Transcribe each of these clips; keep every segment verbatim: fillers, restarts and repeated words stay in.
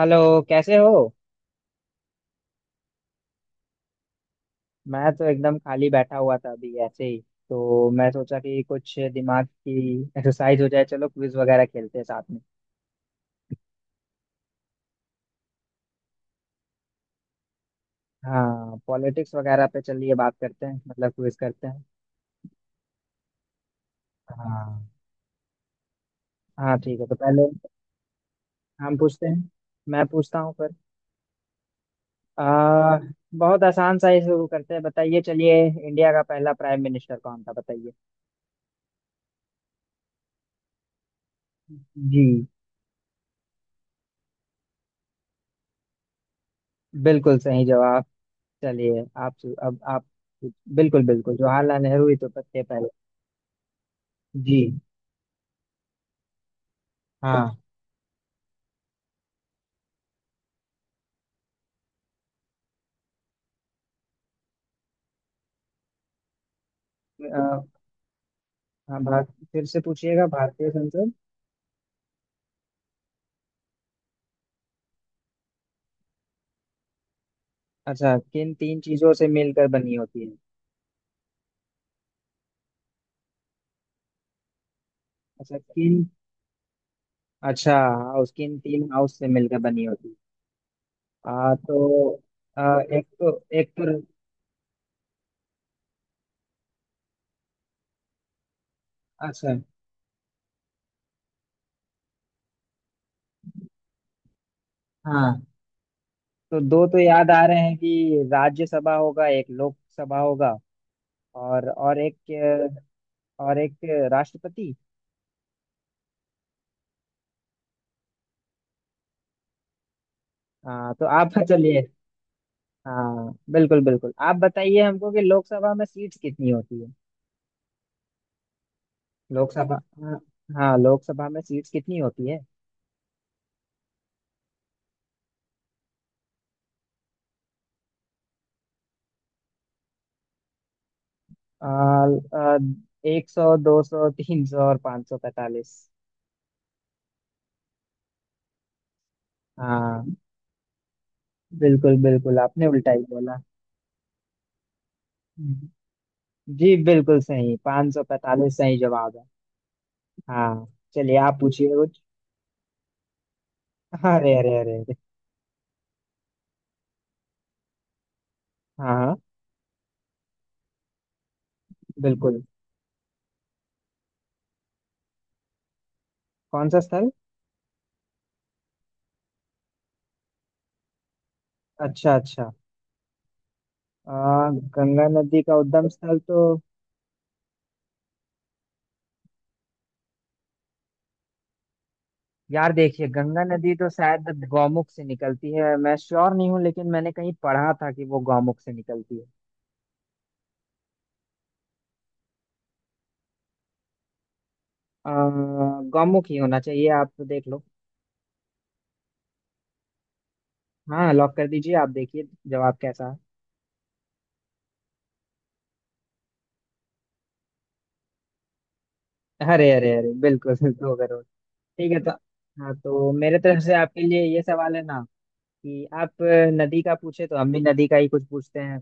Hello कैसे हो। मैं तो एकदम खाली बैठा हुआ था अभी ऐसे ही। तो मैं सोचा कि कुछ दिमाग की एक्सरसाइज हो जाए, चलो क्विज वगैरह खेलते हैं साथ में। हाँ, पॉलिटिक्स वगैरह पे चलिए बात करते हैं, मतलब क्विज करते हैं। हाँ हाँ ठीक है। तो पहले हम पूछते हैं, मैं पूछता हूँ फिर। आ, बहुत आसान सा ही शुरू करते हैं, बताइए, चलिए। इंडिया का पहला प्राइम मिनिस्टर कौन था बताइए। जी, बिल्कुल सही जवाब। चलिए आप, अब आप। बिल्कुल बिल्कुल जवाहरलाल नेहरू ही तो थे पहले। जी, हाँ। अ, हाँ भारत, फिर से पूछिएगा, भारतीय संसद? अच्छा, किन तीन चीजों से मिलकर बनी होती है? अच्छा किन। अच्छा, हाउस, किन तीन हाउस से मिलकर बनी होती है? आ, तो आ, एक तो, एक तो। अच्छा। हाँ तो दो तो याद आ रहे हैं कि राज्यसभा होगा, एक लोकसभा होगा, और और एक, और एक राष्ट्रपति। हाँ तो आप चलिए। हाँ बिल्कुल बिल्कुल आप बताइए हमको कि लोकसभा में सीट्स कितनी होती है। लोकसभा। हाँ। हाँ, लोकसभा में सीट्स कितनी होती है? आ, एक सौ, दो सौ, तीन सौ और पाँच सौ पैतालीस। हाँ बिल्कुल बिल्कुल, आपने उल्टा ही बोला। हम्म। जी बिल्कुल सही, पाँच सौ पैतालीस सही जवाब है। हाँ। चलिए आप पूछिए कुछ। अरे अरे अरे अरे। हाँ हाँ बिल्कुल। कौन सा स्थल? अच्छा अच्छा। आ, गंगा नदी का उद्गम स्थल तो, यार देखिए, गंगा नदी तो शायद गौमुख से निकलती है, मैं श्योर नहीं हूँ, लेकिन मैंने कहीं पढ़ा था कि वो गौमुख से निकलती है। अ, गौमुख ही होना चाहिए, आप तो देख लो। हाँ लॉक कर दीजिए, आप देखिए जवाब कैसा है। अरे अरे अरे बिल्कुल दो करोड़। ठीक है तो। हाँ तो मेरे तरफ से आपके लिए ये सवाल है ना, कि आप नदी का पूछे तो हम भी नदी का ही कुछ पूछते हैं।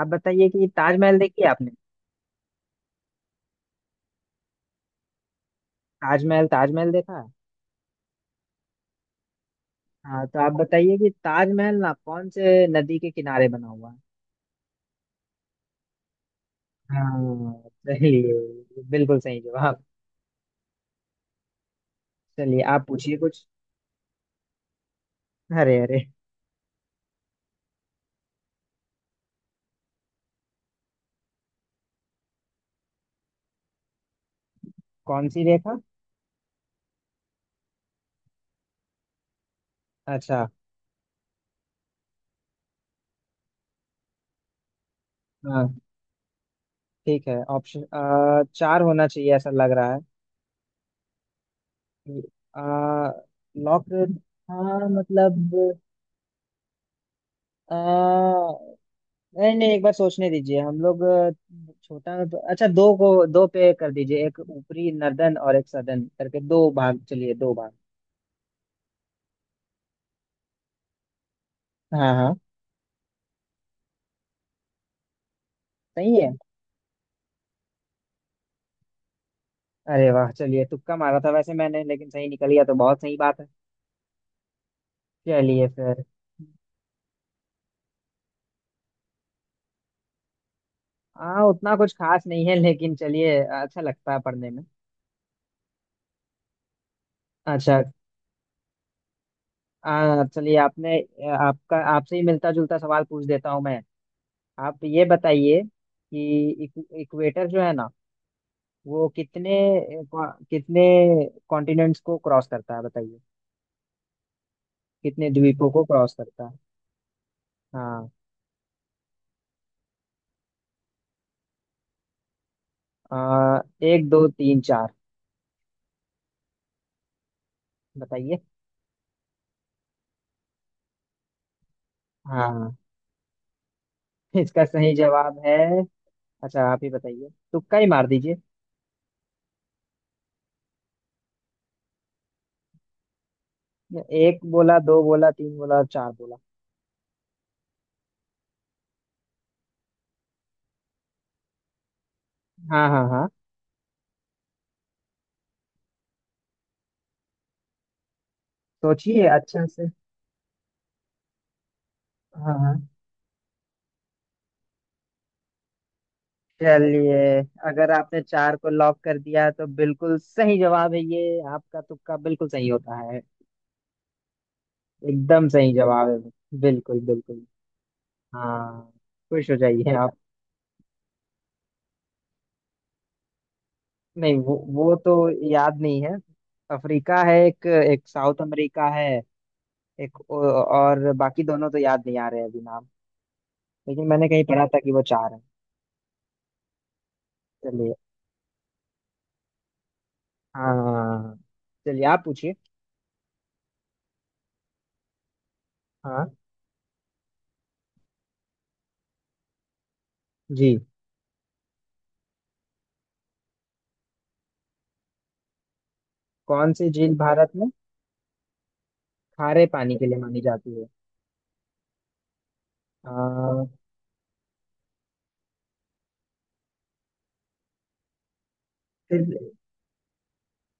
आप बताइए कि ताजमहल देखी है आपने? ताजमहल, ताजमहल देखा है? हाँ तो आप बताइए कि ताजमहल ना कौन से नदी के किनारे बना हुआ है? हाँ सही है, बिल्कुल सही जवाब। चलिए आप पूछिए कुछ। अरे अरे। कौन सी रेखा? अच्छा। हाँ ठीक है ऑप्शन। अ, चार होना चाहिए, ऐसा लग रहा है। आ, लॉक। हाँ मतलब। अ, नहीं नहीं, एक बार सोचने दीजिए हम लोग। अ, छोटा। अच्छा, दो को दो पे कर दीजिए, एक ऊपरी नर्दन और एक सदन करके दो भाग, चलिए दो भाग। हाँ हाँ सही है। अरे वाह, चलिए तुक्का मारा था वैसे मैंने, लेकिन सही निकल गया तो बहुत सही बात है। चलिए फिर। हाँ उतना कुछ खास नहीं है, लेकिन चलिए अच्छा लगता है पढ़ने में। अच्छा। आ, चलिए आपने, आपका, आपसे ही मिलता जुलता सवाल पूछ देता हूँ मैं। आप ये बताइए कि इक्वेटर जो है ना, वो कितने, कितने कॉन्टिनेंट्स को क्रॉस करता है बताइए, कितने द्वीपों को क्रॉस करता है? हाँ। आ, एक, दो, तीन, चार, बताइए। हाँ इसका सही जवाब है। अच्छा आप ही बताइए, तुक्का ही मार दीजिए। एक बोला, दो बोला, तीन बोला और चार बोला। हाँ हाँ हाँ। सोचिए अच्छा से। हाँ हाँ। चलिए, अगर आपने चार को लॉक कर दिया तो बिल्कुल सही जवाब है, ये आपका तुक्का बिल्कुल सही होता है। एकदम सही जवाब है। बिल्कुल बिल्कुल। हाँ। खुश हो जाइए आप। नहीं, वो वो तो याद नहीं है। अफ्रीका है एक, एक साउथ अमेरिका है, एक और, बाकी दोनों तो याद नहीं आ रहे अभी नाम। लेकिन मैंने कहीं पढ़ा था कि वो चार है। चलिए। हाँ चलिए आप पूछिए। हाँ जी। कौन सी झील भारत में खारे पानी के लिए मानी जाती है? आ, फिर।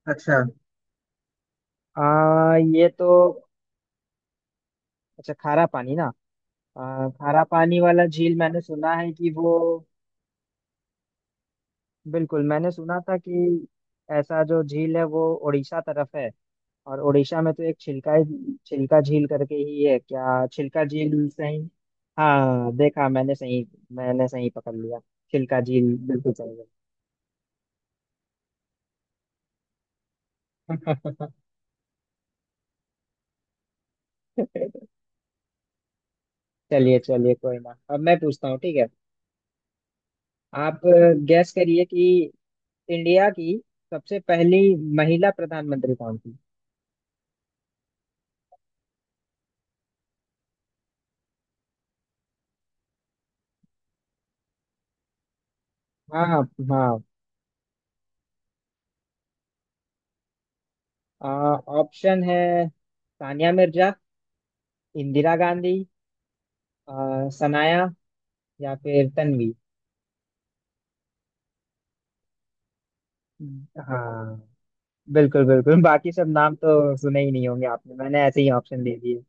अच्छा। आ, ये तो, अच्छा खारा पानी ना। आ, खारा पानी वाला झील मैंने सुना है कि वो, बिल्कुल, मैंने सुना था कि ऐसा जो झील है वो उड़ीसा तरफ है, और उड़ीसा में तो एक छिलका, छिलका झील करके ही है क्या? छिलका झील सही? हाँ देखा, मैंने सही, मैंने सही पकड़ लिया, छिलका झील बिल्कुल सही। चलिए चलिए कोई ना, अब मैं पूछता हूँ, ठीक है आप गैस करिए कि इंडिया की सबसे पहली महिला प्रधानमंत्री कौन थी? हाँ हाँ हाँ ऑप्शन है, सानिया मिर्जा, इंदिरा गांधी, आ, सनाया, या फिर तन्वी। हाँ बिल्कुल बिल्कुल, बाकी सब नाम तो सुने ही नहीं होंगे आपने, मैंने ऐसे ही ऑप्शन दे दिए।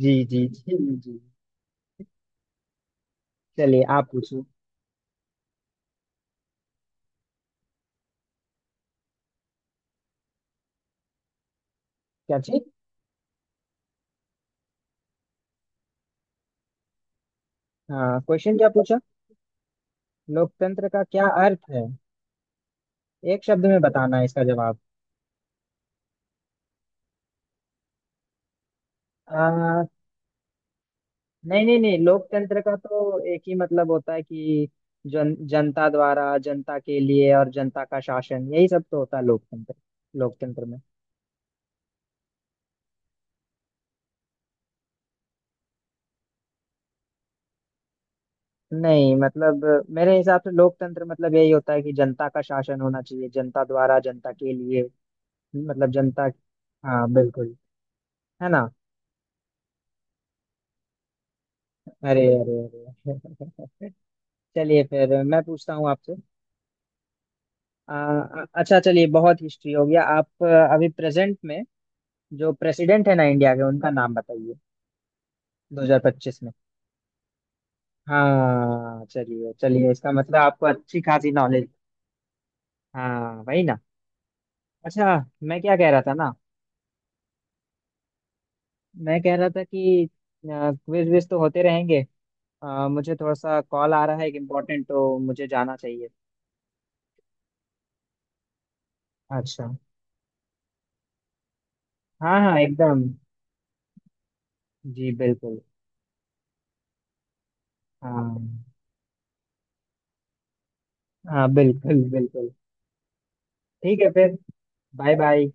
जी जी जी जी। चलिए आप पूछो। क्या ठीक? हाँ क्वेश्चन क्या पूछा? लोकतंत्र का क्या अर्थ है? एक शब्द में बताना है इसका जवाब। आ, नहीं नहीं नहीं, लोकतंत्र का तो एक ही मतलब होता है कि जन, जनता द्वारा, जनता के लिए और जनता का शासन, यही सब तो होता है लोकतंत्र। लोकतंत्र में, नहीं मतलब मेरे हिसाब से लोकतंत्र मतलब यही होता है कि जनता का शासन होना चाहिए, जनता द्वारा, जनता के लिए, मतलब जनता। हाँ बिल्कुल, है ना। अरे अरे अरे चलिए फिर मैं पूछता हूँ आपसे। आ, अच्छा, चलिए बहुत हिस्ट्री हो गया। आप अभी प्रेजेंट में जो प्रेसिडेंट है ना इंडिया के, उनका नाम बताइए दो हज़ार पच्चीस में। हाँ चलिए चलिए, इसका मतलब आपको अच्छी खासी नॉलेज। हाँ वही ना। अच्छा। मैं क्या कह रहा था ना, मैं कह रहा था कि क्विज विज तो होते रहेंगे, अ, मुझे थोड़ा सा कॉल आ रहा है एक इम्पोर्टेंट, तो मुझे जाना चाहिए। अच्छा। हाँ हाँ एकदम। जी बिल्कुल। हाँ हाँ बिल्कुल बिल्कुल। ठीक है फिर। Bye bye.